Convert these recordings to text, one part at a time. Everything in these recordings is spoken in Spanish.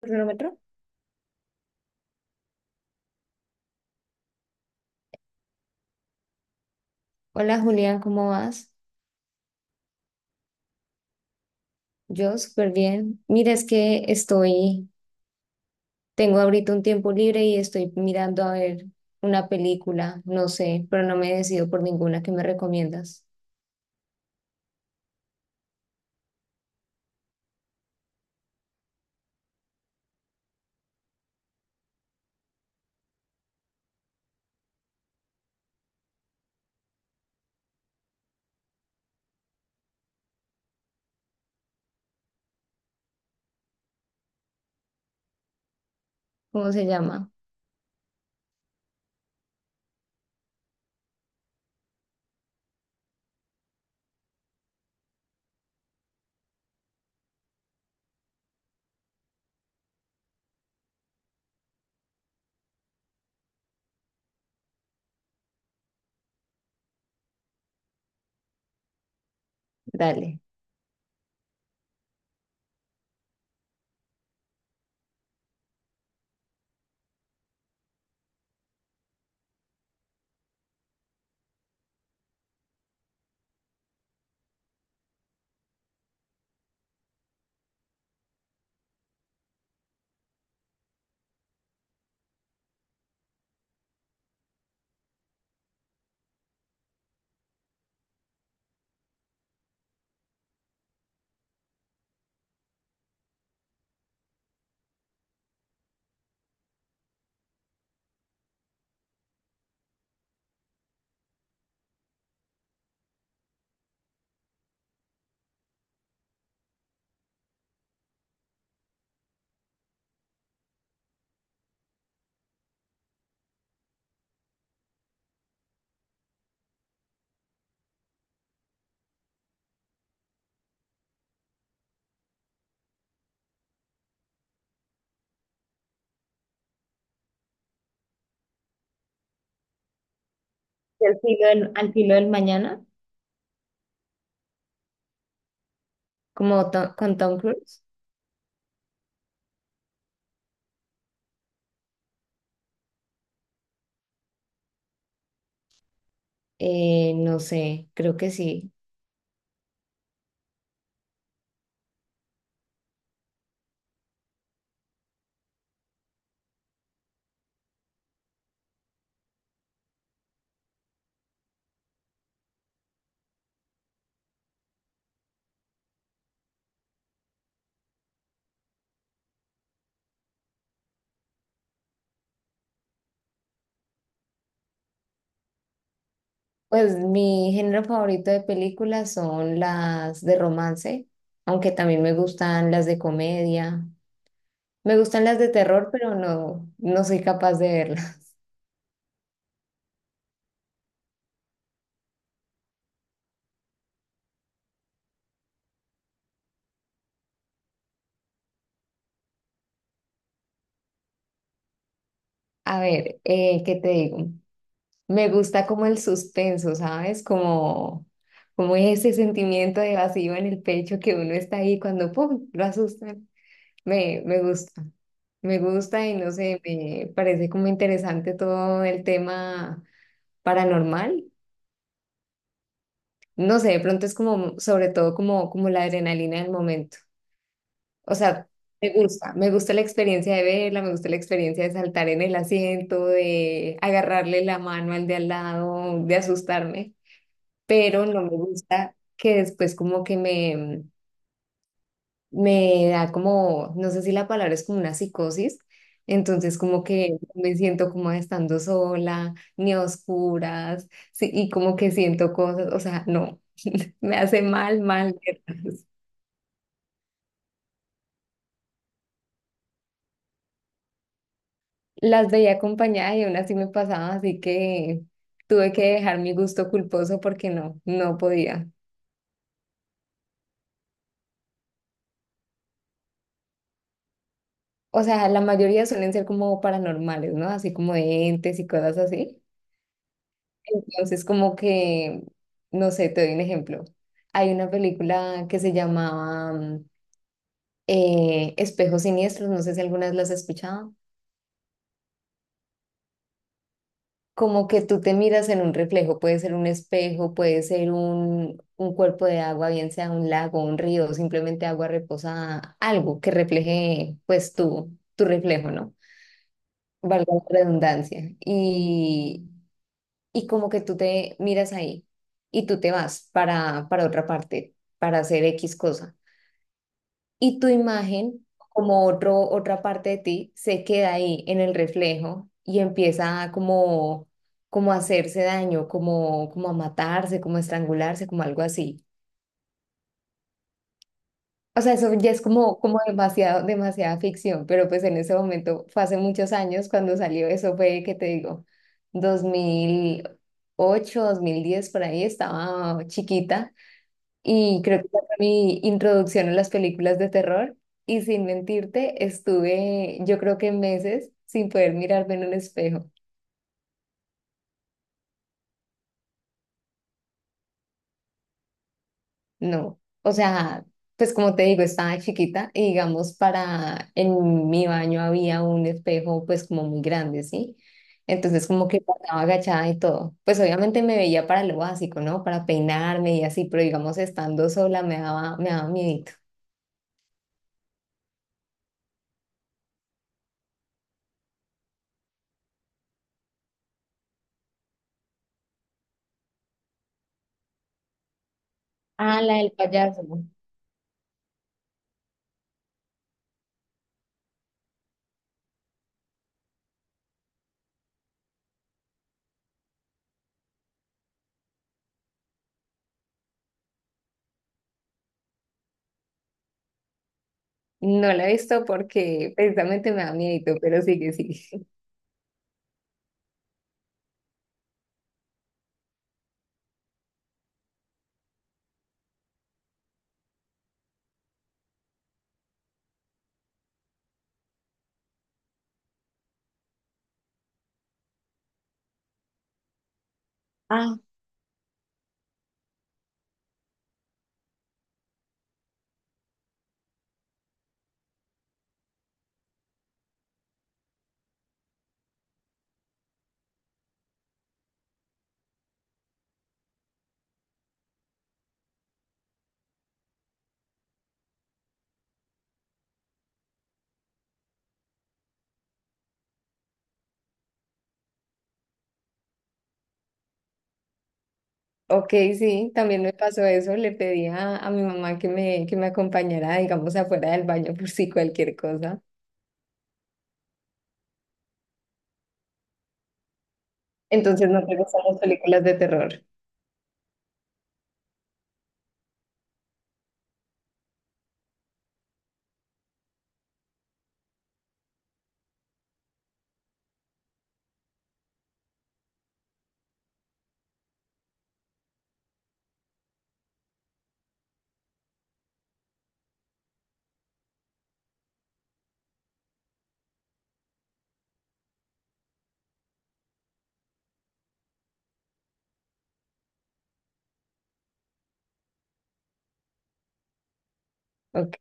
Cronómetro. Hola Julián, ¿cómo vas? Yo súper bien. Mira, tengo ahorita un tiempo libre y estoy mirando a ver una película, no sé, pero no me decido por ninguna que me recomiendas. ¿Cómo se llama? Dale. Al filo del mañana, con Tom Cruise. No sé, creo que sí. Pues mi género favorito de películas son las de romance, aunque también me gustan las de comedia. Me gustan las de terror, pero no, no soy capaz de verlas. A ver, ¿qué te digo? Me gusta como el suspenso, ¿sabes? Como, como ese sentimiento de vacío en el pecho que uno está ahí cuando ¡pum! Lo asustan. Me gusta. Me gusta y no sé, me parece como interesante todo el tema paranormal. No sé, de pronto es como, sobre todo como, como la adrenalina del momento. O sea, me gusta la experiencia de verla, me gusta la experiencia de saltar en el asiento, de agarrarle la mano al de al lado, de asustarme, pero no me gusta que después como que me da como, no sé si la palabra es como una psicosis, entonces como que me siento como estando sola, ni a oscuras, sí, y como que siento cosas, o sea, no, me hace mal, mal. Las veía acompañada y aún así me pasaba, así que tuve que dejar mi gusto culposo porque no, no podía. O sea, la mayoría suelen ser como paranormales, ¿no? Así como de entes y cosas así. Entonces, como que, no sé, te doy un ejemplo. Hay una película que se llamaba Espejos Siniestros, no sé si alguna vez las has escuchado. Como que tú te miras en un reflejo, puede ser un espejo, puede ser un cuerpo de agua, bien sea un lago, un río, simplemente agua reposada, algo que refleje pues tu reflejo, ¿no? Valga la redundancia. Y como que tú te miras ahí y tú te vas para otra parte, para hacer X cosa y tu imagen, como otro, otra parte de ti, se queda ahí en el reflejo y empieza a como a hacerse daño, como a matarse, como a estrangularse, como algo así. O sea, eso ya es como, como demasiado, demasiada ficción, pero pues en ese momento, fue hace muchos años cuando salió eso, fue, ¿qué te digo? 2008, 2010 por ahí, estaba chiquita. Y creo que esa fue mi introducción a las películas de terror. Y sin mentirte, estuve yo creo que meses sin poder mirarme en un espejo. No. O sea, pues como te digo, estaba chiquita y digamos para, en mi baño había un espejo pues como muy grande, ¿sí? Entonces como que pasaba agachada y todo. Pues obviamente me veía para lo básico, ¿no? Para peinarme y así, pero digamos estando sola me daba miedito. Ah, la del payaso. No la he visto porque precisamente me da miedo, pero sí que sí. Ah, Ok, sí, también me pasó eso. Le pedí a mi mamá que me acompañara, digamos, afuera del baño por si cualquier cosa. Entonces, ¿no te gustan las películas de terror? Ok.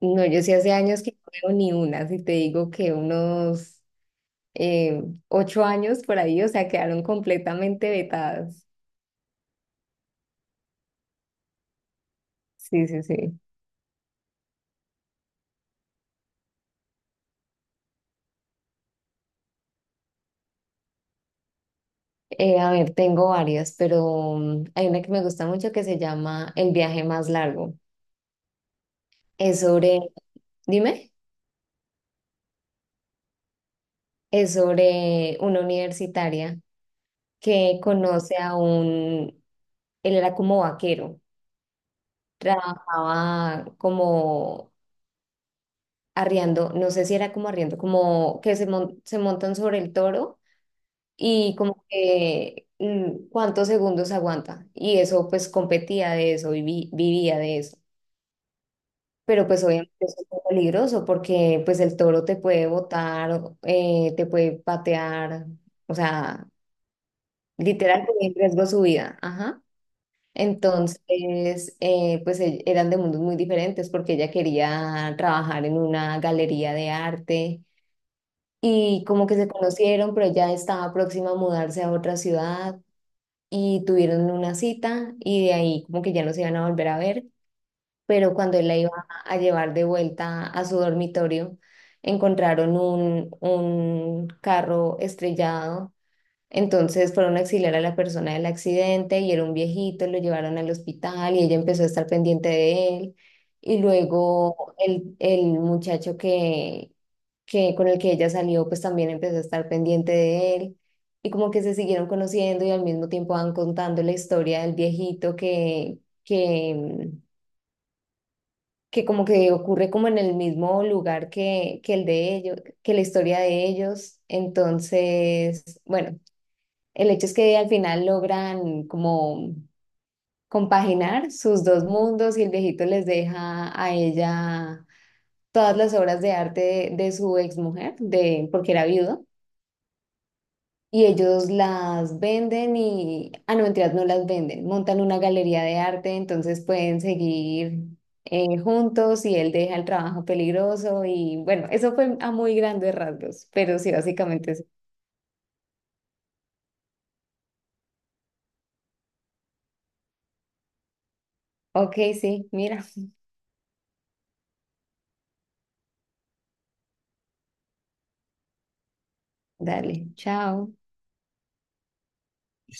No, yo sí hace años que no veo ni una. Si te digo que unos, eh, 8 años por ahí, o sea, quedaron completamente vetadas. Sí, sí, sí. A ver, tengo varias, pero hay una que me gusta mucho que se llama El viaje más largo. Es sobre, dime, es sobre una universitaria que conoce a un, él era como vaquero, trabajaba como arriando, no sé si era como arriando, como que se, se montan sobre el toro y como que cuántos segundos aguanta. Y eso pues competía de eso, vivía de eso. Pero pues obviamente eso es muy peligroso porque pues el toro te puede botar, te puede patear, o sea... Literal ponía en riesgo su vida. Ajá. Entonces, pues eran de mundos muy diferentes porque ella quería trabajar en una galería de arte y como que se conocieron, pero ella estaba próxima a mudarse a otra ciudad y tuvieron una cita y de ahí como que ya no se iban a volver a ver, pero cuando él la iba a llevar de vuelta a su dormitorio, encontraron un, carro estrellado, entonces fueron a auxiliar a la persona del accidente y era un viejito, lo llevaron al hospital y ella empezó a estar pendiente de él. Y luego el muchacho que con el que ella salió, pues también empezó a estar pendiente de él. Y como que se siguieron conociendo y al mismo tiempo van contando la historia del viejito que, que como que ocurre como en el mismo lugar que el de ellos, que la historia de ellos. Entonces, bueno. El hecho es que al final logran como compaginar sus dos mundos y el viejito les deja a ella todas las obras de arte de su exmujer, de, porque era viudo, y ellos las venden y, ah, no, mentiras, no las venden, montan una galería de arte, entonces pueden seguir juntos y él deja el trabajo peligroso y bueno, eso fue a muy grandes rasgos, pero sí, básicamente es, ok, sí, mira, dale, chao.